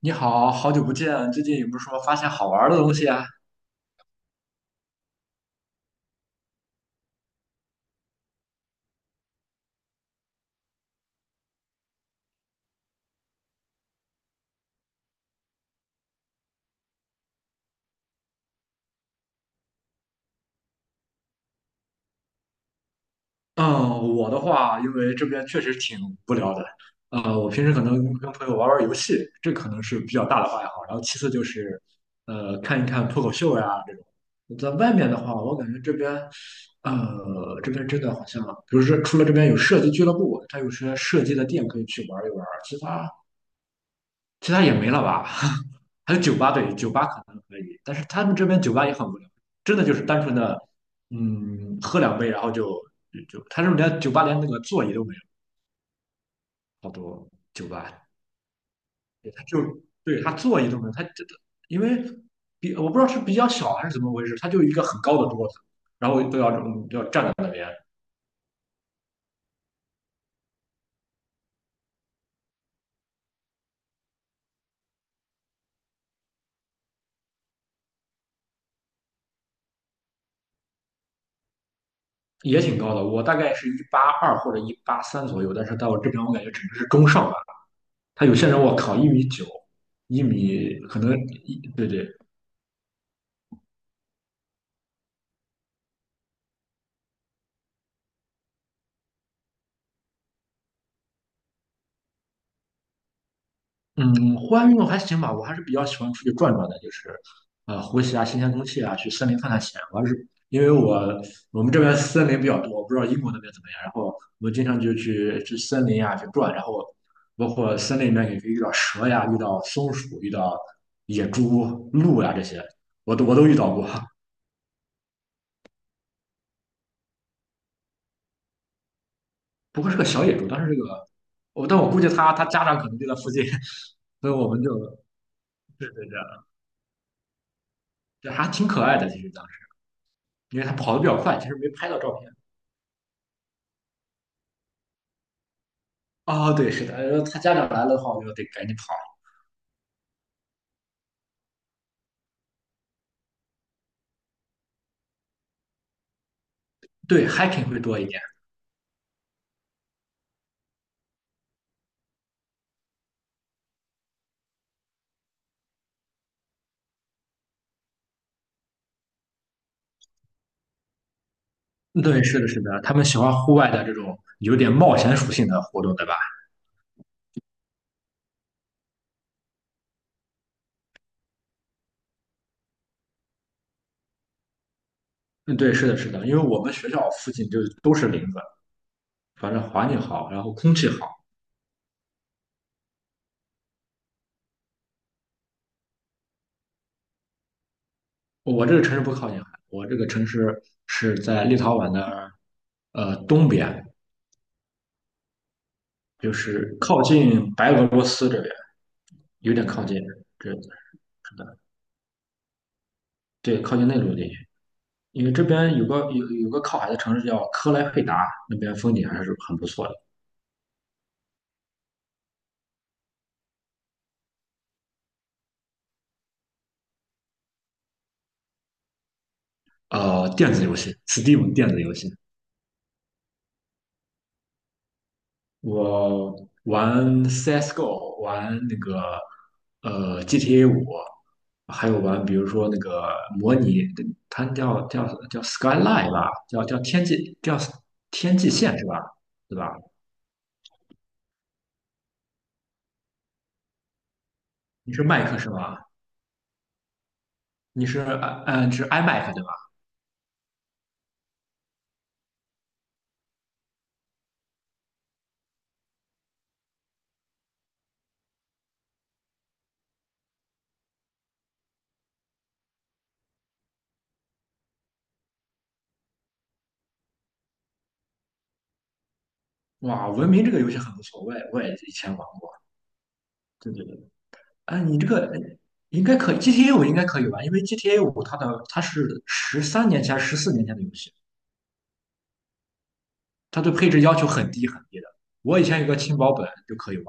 你好，好久不见，最近有没有说发现好玩儿的东西啊？嗯，我的话，因为这边确实挺无聊的。我平时可能跟朋友玩玩游戏，这可能是比较大的爱好。然后其次就是，看一看脱口秀呀这种。在外面的话，我感觉这边真的好像，比如说除了这边有射击俱乐部，它有些射击的店可以去玩一玩，其他也没了吧？还有酒吧，对，酒吧可能可以，但是他们这边酒吧也很无聊，真的就是单纯的，喝两杯，然后就就就，他这边连酒吧连那个座椅都没有，好多酒吧。对，他就，对，他座椅都没有。他这个因为比，我不知道是比较小还是怎么回事，他就一个很高的桌子，然后都要站在那。也挺高的，我大概是182或者183左右，但是到我这边我感觉只能是中上吧。他有些人我靠，1米9，一米可能一对对。嗯，户外运动还行吧，我还是比较喜欢出去转转的，就是呼吸啊新鲜空气啊，去森林探探险。我还是因为我我们这边森林比较多，我不知道英国那边怎么样，然后我经常就去森林啊去转，然后包括森林里面也可以遇到蛇呀，遇到松鼠，遇到野猪、鹿呀这些，我都遇到过。不过是个小野猪，但是这个我但我估计他家长可能就在附近。所以我们就，对对对。对，还挺可爱的。其实当时，因为他跑的比较快，其实没拍到照片。哦，对，是的，他家长来了的话，我就得赶紧跑。对，hiking 会多一点。对，是的，是的，他们喜欢户外的这种有点冒险属性的活动，对吧？嗯，对，是的，是的，因为我们学校附近就都是林子，反正环境好，然后空气好。我这个城市不靠近海，我这个城市是在立陶宛的东边，就是靠近白俄罗斯这边，有点靠近。这是的。对，靠近内陆地区。因为这边有个靠海的城市叫科莱佩达，那边风景还是很不错的。电子游戏，Steam 电子游戏，我玩 CS:GO，玩那个GTA 五，还有玩比如说那个模拟，它叫 Skyline 吧，叫天际线是吧？对吧？你是麦克是吧？你是 iMac 对吧？哇，文明这个游戏很不错，我也以前玩过。对对对。啊，你这个应该可以，GTA 五应该可以吧？因为 GTA 五它是13年前、14年前的游戏，它对配置要求很低很低的。我以前有个轻薄本就可以玩。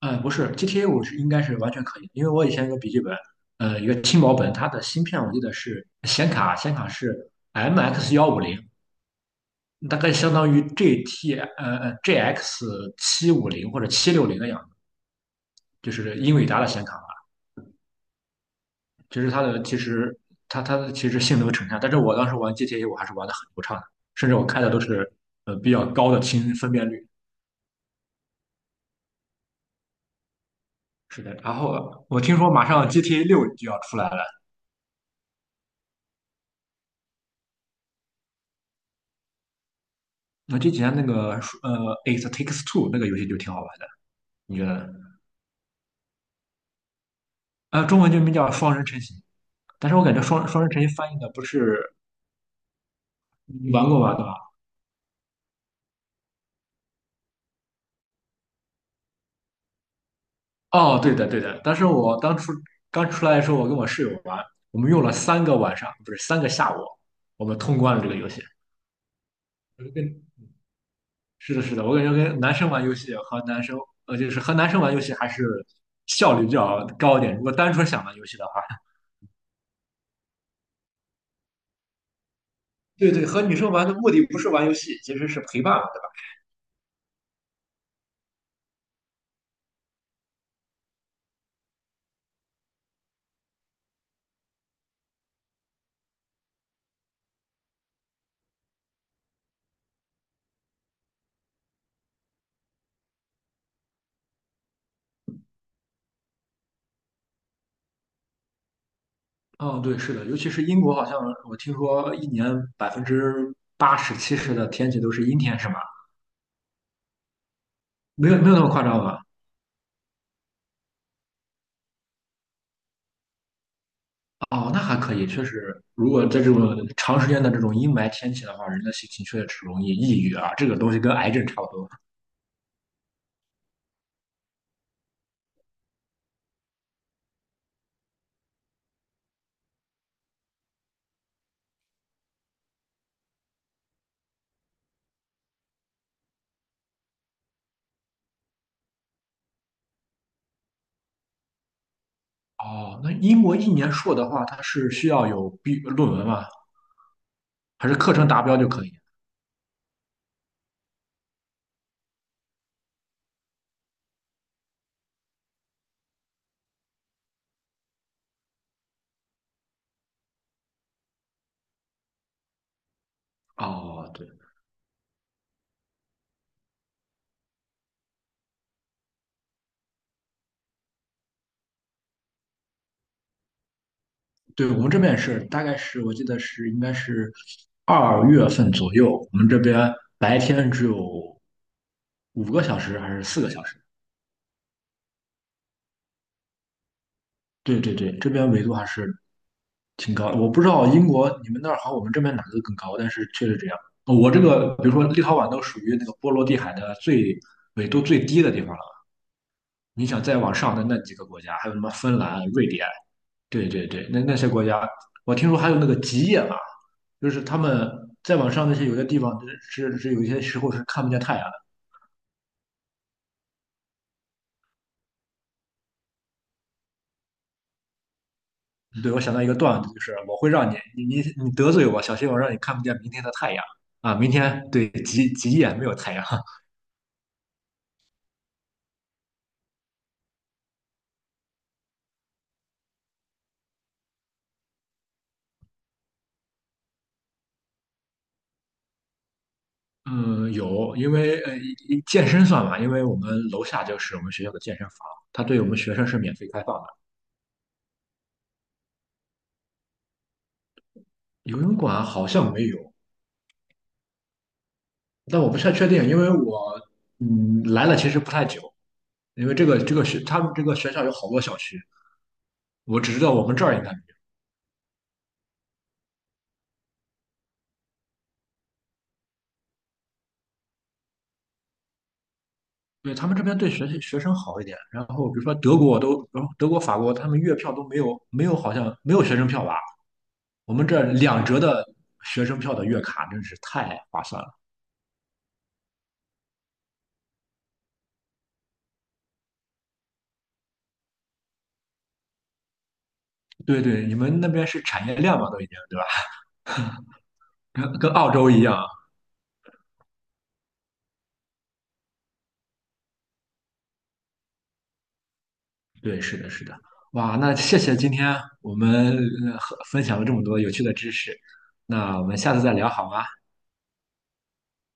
嗯，不是 GTA 五是应该是完全可以的，因为我以前有个笔记本，一个轻薄本，它的芯片我记得是显卡是 MX 150，大概相当于 GX 750或者760的样子，就是英伟达的显卡。其实它的性能呈现，但是我当时玩 GTA 我还是玩的很流畅的，甚至我开的都是比较高的清分辨率。是的，然后我听说马上 GTA 六就要出来了。那这几天那个《It Takes Two》那个游戏就挺好玩的，你觉得呢？中文就名叫《双人成行》，但是我感觉《双人成行》翻译的不是。你玩过吧，对吧？哦，对的对的，但是我当初刚出来的时候，我跟我室友玩，我们用了3个晚上，不是3个下午，我们通关了这个游戏。是的，是的，我感觉跟男生玩游戏和男生，就是和男生玩游戏还是效率比较高一点。如果单纯想玩游戏的话，对对，和女生玩的目的不是玩游戏，其实是陪伴嘛，对吧？嗯，对，是的，尤其是英国，好像我听说一年80%、70%的天气都是阴天，是吗？没有没有那么夸张吧？哦，那还可以，确实，如果在这种长时间的这种阴霾天气的话，人的心情确实容易抑郁啊，这个东西跟癌症差不多。哦，那英国一年硕的话，它是需要有毕论文吗？还是课程达标就可以？哦，对对，我们这边也是，大概是我记得是应该是2月份左右，我们这边白天只有5个小时还是4个小时？对对对，这边纬度还是挺高的。我不知道英国你们那儿和我们这边哪个更高，但是确实这样。哦我这个比如说立陶宛都属于那个波罗的海的纬度最低的地方了，你想再往上的那几个国家，还有什么芬兰、瑞典。对对对，那些国家，我听说还有那个极夜嘛，就是他们再往上那些有的地方是有一些时候是看不见太阳的。对，我想到一个段子，就是我会让你你你你得罪我，小心我让你看不见明天的太阳。啊！明天对极夜没有太阳。嗯，有，因为呃一一健身算嘛，因为我们楼下就是我们学校的健身房，它对我们学生是免费开放的。游泳馆好像没有，但我不太确定，因为我来了其实不太久。因为这个这个学他们这个学校有好多小区，我只知道我们这儿应该没有。对他们这边对学生好一点，然后比如说德国都，德国、法国他们月票都没有，没有好像没有学生票吧？我们这2折的学生票的月卡真是太划算了。对对，你们那边是产业链嘛，都已经对吧？跟澳洲一样。对，是的，是的。哇，那谢谢今天我们分享了这么多有趣的知识，那我们下次再聊好吗？